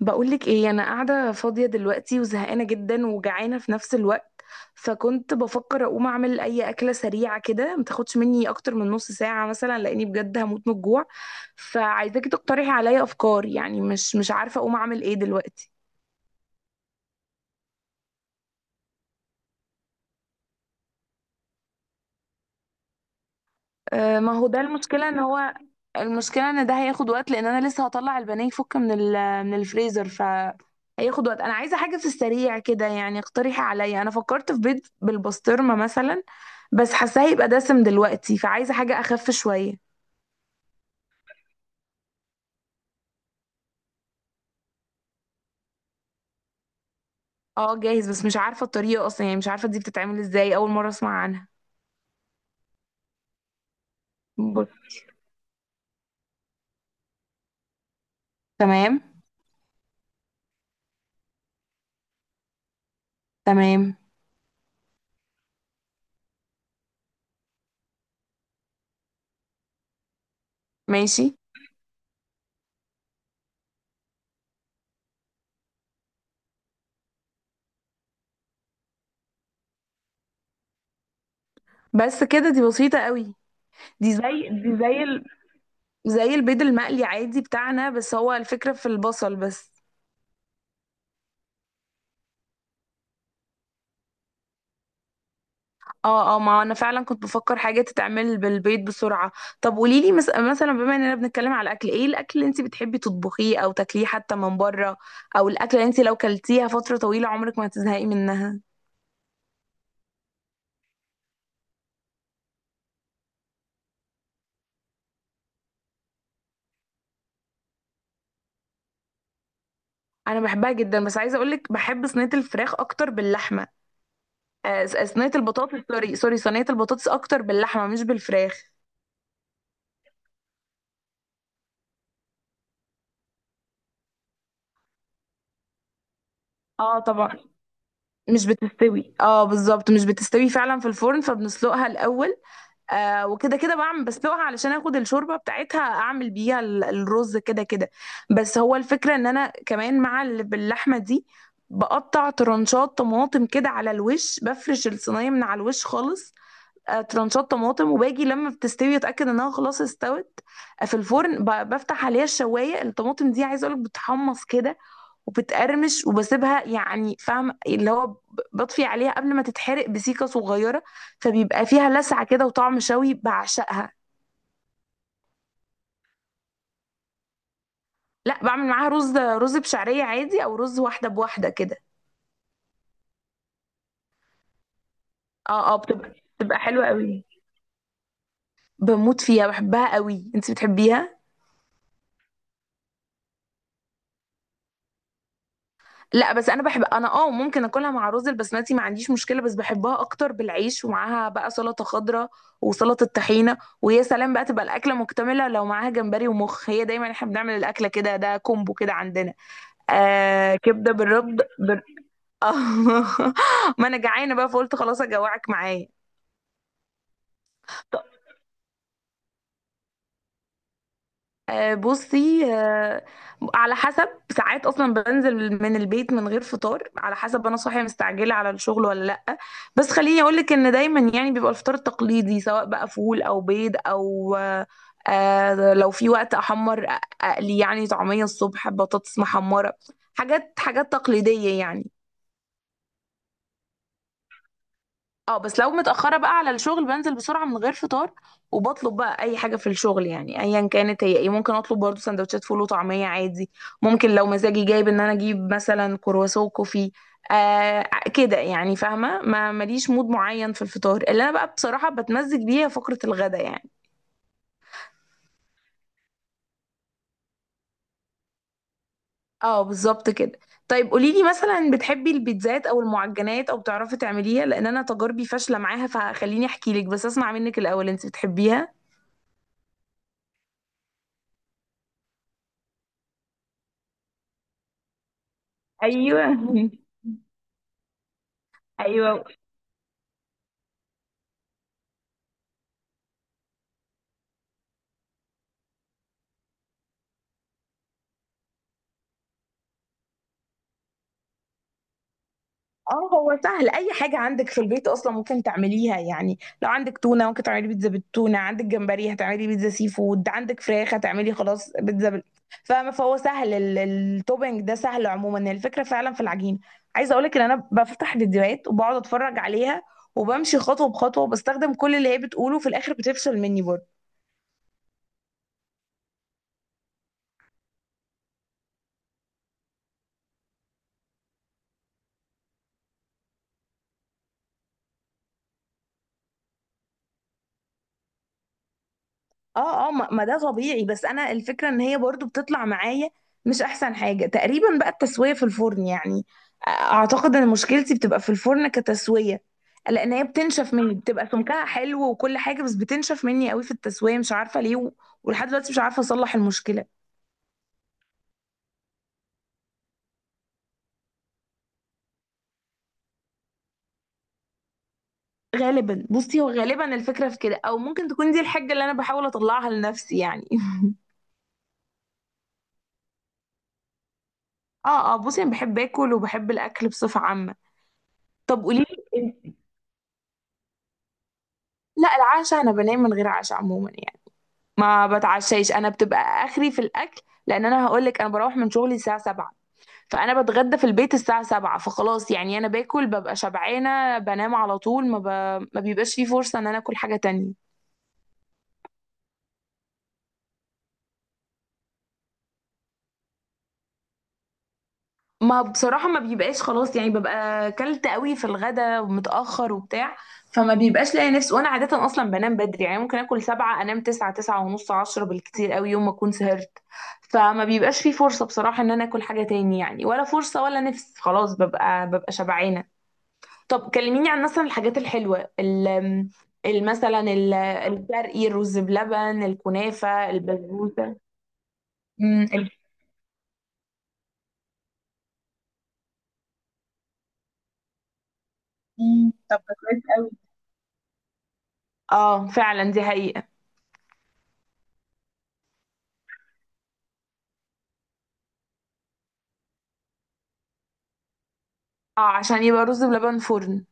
بقولك ايه، انا قاعده فاضيه دلوقتي وزهقانه جدا وجعانه في نفس الوقت. فكنت بفكر اقوم اعمل اي اكله سريعه كده، ما تاخدش مني اكتر من نص ساعه مثلا، لاني بجد هموت من الجوع. فعايزاكي تقترحي عليا افكار، يعني مش عارفه اقوم اعمل ايه دلوقتي. آه، ما هو ده المشكلة ان هو، المشكلة ان ده هياخد وقت، لان انا لسه هطلع البانيه يفك من من الفريزر، ف هياخد وقت. انا عايزة حاجة في السريع كده، يعني اقترحي عليا. انا فكرت في بيض بالبسطرمة مثلا، بس حاساه هيبقى دسم دلوقتي، فعايزة حاجة اخف شوية. اه جاهز، بس مش عارفة الطريقة اصلا، يعني مش عارفة دي بتتعمل ازاي، اول مرة اسمع عنها. بص. تمام. تمام. ماشي. بس كده؟ دي بسيطة قوي. دي زي زي البيض المقلي عادي بتاعنا، بس هو الفكرة في البصل بس. اه اه، ما انا فعلا كنت بفكر حاجة تتعمل بالبيض بسرعة. طب قوليلي مثلا، بما اننا بنتكلم على الاكل، ايه الاكل اللي انت بتحبي تطبخيه او تاكليه حتى من بره، او الاكل اللي انت لو كلتيها فترة طويلة عمرك ما هتزهقي منها؟ انا بحبها جدا، بس عايزة اقولك بحب صينية الفراخ اكتر باللحمة. آه صينية البطاطس، سوري سوري، صينية البطاطس اكتر باللحمة مش بالفراخ. اه طبعا. مش بتستوي، اه بالظبط، مش بتستوي فعلا في الفرن، فبنسلقها الاول. آه، وكده كده بعمل بسلقها علشان اخد الشوربه بتاعتها، اعمل بيها الرز كده كده. بس هو الفكره ان انا كمان مع باللحمه دي، بقطع ترنشات طماطم كده على الوش، بفرش الصينيه من على الوش خالص. آه ترنشات طماطم، وباجي لما بتستوي اتاكد انها خلاص استوت. آه، في الفرن بفتح عليها الشوايه. الطماطم دي عايزه اقولك بتحمص كده وبتقرمش، وبسيبها يعني فاهم اللي هو بطفي عليها قبل ما تتحرق بسيكة صغيرة، فبيبقى فيها لسعة كده وطعم شوي، بعشقها. لا، بعمل معاها رز بشعرية عادي، او رز واحدة بواحدة كده. اه اه، بتبقى حلوة قوي. بموت فيها، بحبها قوي. انت بتحبيها؟ لا بس انا بحب، انا اه ممكن اكلها مع رز البسمتي، ما عنديش مشكله، بس بحبها اكتر بالعيش، ومعاها بقى سلطه خضراء وسلطه طحينه، ويا سلام بقى تبقى الاكله مكتمله لو معاها جمبري ومخ. هي دايما احنا بنعمل الاكله كده، ده كومبو كده عندنا. آه كبده بالرد آه. ما انا جعانه بقى، فقلت خلاص اجوعك معايا. بصي، على حسب. ساعات اصلا بنزل من البيت من غير فطار، على حسب انا صاحيه مستعجله على الشغل ولا لا. بس خليني اقول لك ان دايما يعني بيبقى الفطار التقليدي، سواء بقى فول او بيض او لو في وقت احمر اقلي يعني طعميه الصبح، بطاطس محمره، حاجات تقليديه يعني. اه بس لو متأخرة بقى على الشغل بنزل بسرعة من غير فطار، وبطلب بقى أي حاجة في الشغل، يعني أيا كانت هي ايه. ممكن أطلب برضو سندوتشات فول وطعمية عادي، ممكن لو مزاجي جايب إن أنا أجيب مثلا كرواسون كوفي. آه كده يعني، فاهمة، ما ماليش مود معين في الفطار اللي أنا بقى بصراحة بتمزج بيها فقرة الغدا يعني. اه بالظبط كده. طيب قوليلي مثلا، بتحبي البيتزات أو المعجنات، أو بتعرفي تعمليها؟ لأن أنا تجاربي فاشلة معاها، فخليني أحكيلك، بس أسمع منك الأول، أنت بتحبيها؟ ايوه. ايوه. اه هو سهل، اي حاجه عندك في البيت اصلا ممكن تعمليها، يعني لو عندك تونه ممكن تعملي بيتزا بالتونه، عندك جمبري هتعملي بيتزا سي فود، عندك فراخ هتعملي خلاص بيتزا فاهمه. فهو سهل، التوبينج ده سهل عموما، الفكره فعلا في العجينه. عايزه اقولك ان انا بفتح فيديوهات وبقعد اتفرج عليها، وبمشي خطوه بخطوه وبستخدم كل اللي هي بتقوله، في الاخر بتفشل مني برضه. اه اه، ما ده طبيعي، بس انا الفكره ان هي برضو بتطلع معايا، مش احسن حاجه تقريبا بقى التسويه في الفرن يعني. اعتقد ان مشكلتي بتبقى في الفرن كتسويه، لان هي بتنشف مني، بتبقى سمكها حلو وكل حاجه، بس بتنشف مني قوي في التسويه، مش عارفه ليه ولحد دلوقتي مش عارفه اصلح المشكله. غالبا، بصي هو غالبا الفكره في كده، او ممكن تكون دي الحاجه اللي انا بحاول اطلعها لنفسي يعني. اه اه، بصي انا بحب اكل، وبحب الاكل بصفه عامه. طب قولي لي. لا، العشاء انا بنام من غير عشاء عموما يعني. ما بتعشاش، انا بتبقى اخري في الاكل، لان انا هقولك انا بروح من شغلي الساعه 7، فانا بتغدى في البيت الساعه 7، فخلاص يعني انا باكل ببقى شبعانه بنام على طول، ما, ما بيبقاش في فرصه ان انا اكل حاجه تانية. ما بصراحة ما بيبقاش، خلاص يعني ببقى كلت قوي في الغدا ومتأخر وبتاع، فما بيبقاش لاقي نفسي، وانا عادة اصلا بنام بدري، يعني ممكن اكل سبعة انام تسعة، تسعة ونص، عشرة بالكتير قوي يوم ما اكون سهرت. فما بيبقاش في فرصة بصراحة ان انا اكل حاجة تاني يعني، ولا فرصة ولا نفس، خلاص ببقى شبعانة. طب كلميني عن مثلا الحاجات الحلوة، مثلا الشرقي، الرز بلبن، الكنافة، البسبوسة. أمم، ال- طب ده كويس قوي. اه فعلا دي حقيقة. اه عشان يبقى رز بلبن فرن.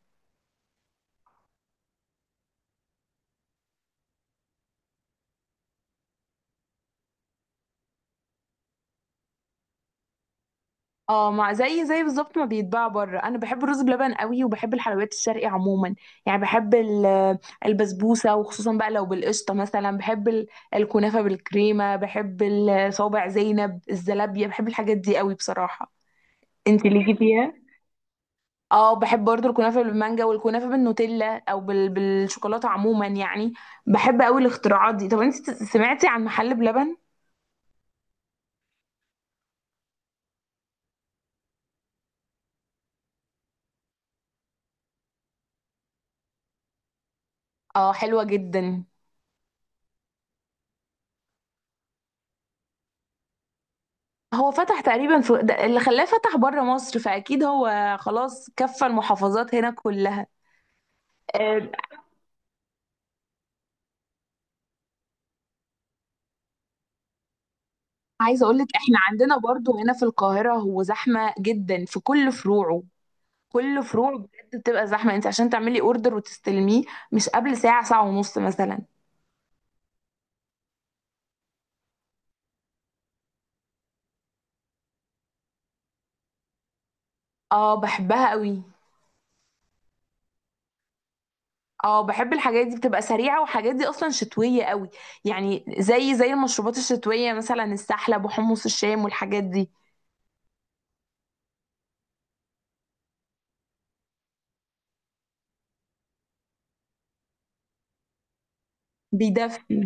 اه مع، زي بالظبط ما بيتباع بره. انا بحب الرز بلبن قوي، وبحب الحلويات الشرقي عموما، يعني بحب البسبوسه وخصوصا بقى لو بالقشطه مثلا، بحب الكنافه بالكريمه، بحب صوابع زينب، الزلابيه، بحب الحاجات دي قوي بصراحه. انت ليكي فيها؟ اه بحب برضو الكنافه بالمانجا، والكنافه بالنوتيلا او بالشوكولاته عموما يعني. بحب قوي الاختراعات دي. طب انت سمعتي عن محل بلبن؟ اه حلوه جدا. هو فتح تقريبا في ده اللي خلاه فتح بره مصر، فاكيد هو خلاص كفى المحافظات هنا كلها. آه، عايزه اقول لك احنا عندنا برضو هنا في القاهره، هو زحمه جدا في كل فروعه. كل فروع بجد بتبقى زحمه، انت عشان تعملي اوردر وتستلميه، مش قبل ساعه، ساعه ونص مثلا. اه بحبها قوي. اه بحب الحاجات دي بتبقى سريعه، وحاجات دي اصلا شتويه قوي، يعني زي المشروبات الشتويه مثلا، السحلب وحمص الشام والحاجات دي. بيدفي.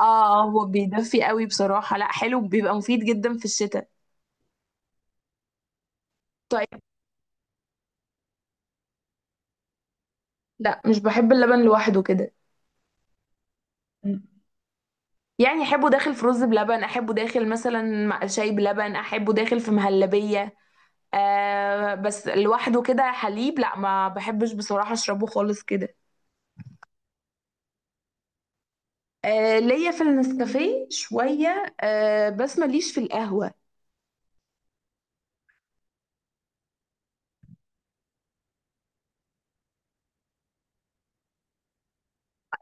اه هو بيدفي قوي بصراحة، لا حلو، بيبقى مفيد جدا في الشتاء. طيب. لا مش بحب اللبن لوحده كده، يعني احبه داخل في رز بلبن، احبه داخل مثلا مع شاي بلبن، احبه داخل في مهلبية، آه بس لوحده كده حليب لا ما بحبش بصراحة اشربه خالص كده. آه ليا في النسكافيه شوية، آه بس ماليش في القهوة.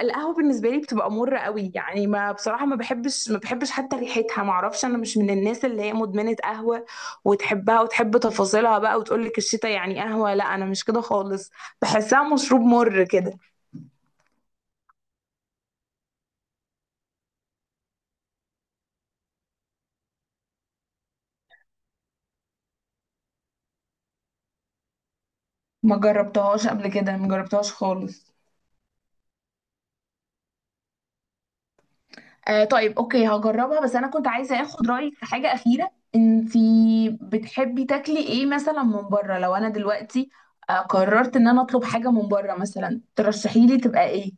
القهوة بالنسبة لي بتبقى مرة قوي يعني، ما بصراحة ما بحبش حتى ريحتها، ما اعرفش، انا مش من الناس اللي هي مدمنة قهوة وتحبها وتحب تفاصيلها بقى وتقول لك الشتا يعني قهوة، لا انا مش كده خالص، بحسها مشروب مر كده. ما جربتهاش قبل كده، ما جربتهاش خالص. آه طيب اوكي هجربها. بس انا كنت عايزة اخد رأيك في حاجة أخيرة، انتي بتحبي تاكلي ايه مثلا من بره، لو انا دلوقتي قررت ان انا اطلب حاجة من بره مثلا، ترشحيلي تبقى ايه؟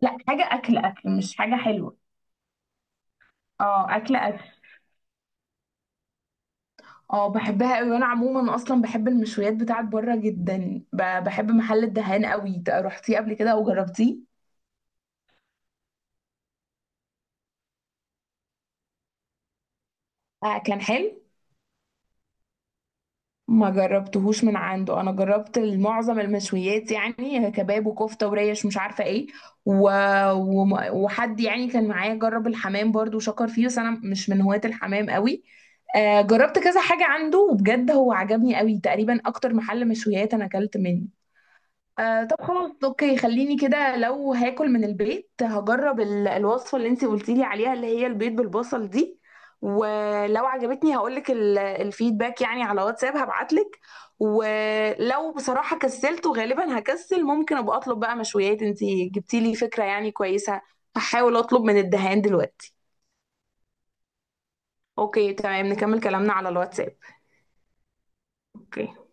لا حاجة أكل أكل، مش حاجة حلوة. اه أكل أكل. اه بحبها قوي، وانا عموما اصلا بحب المشويات بتاعت بره جدا. بحب محل الدهان قوي، رحتيه قبل كده او جربتيه؟ آه كان حلو. ما جربتهوش من عنده، انا جربت معظم المشويات يعني، كباب وكفته وريش مش عارفه ايه و... وحد يعني كان معايا جرب الحمام برضو وشكر فيه، بس انا مش من هواة الحمام قوي. آه جربت كذا حاجه عنده، وبجد هو عجبني قوي، تقريبا اكتر محل مشويات انا اكلت منه. آه طب خلاص اوكي، خليني كده، لو هاكل من البيت هجرب الوصفة اللي انتي قلتيلي عليها، اللي هي البيض بالبصل دي، ولو عجبتني هقولك الفيدباك يعني، على واتساب هبعتلك. ولو بصراحة كسلت، وغالبا هكسل، ممكن ابقى اطلب بقى مشويات، انتي جبتيلي فكرة يعني كويسة، هحاول اطلب من الدهان دلوقتي. اوكي تمام، نكمل كلامنا على الواتساب. اوكي.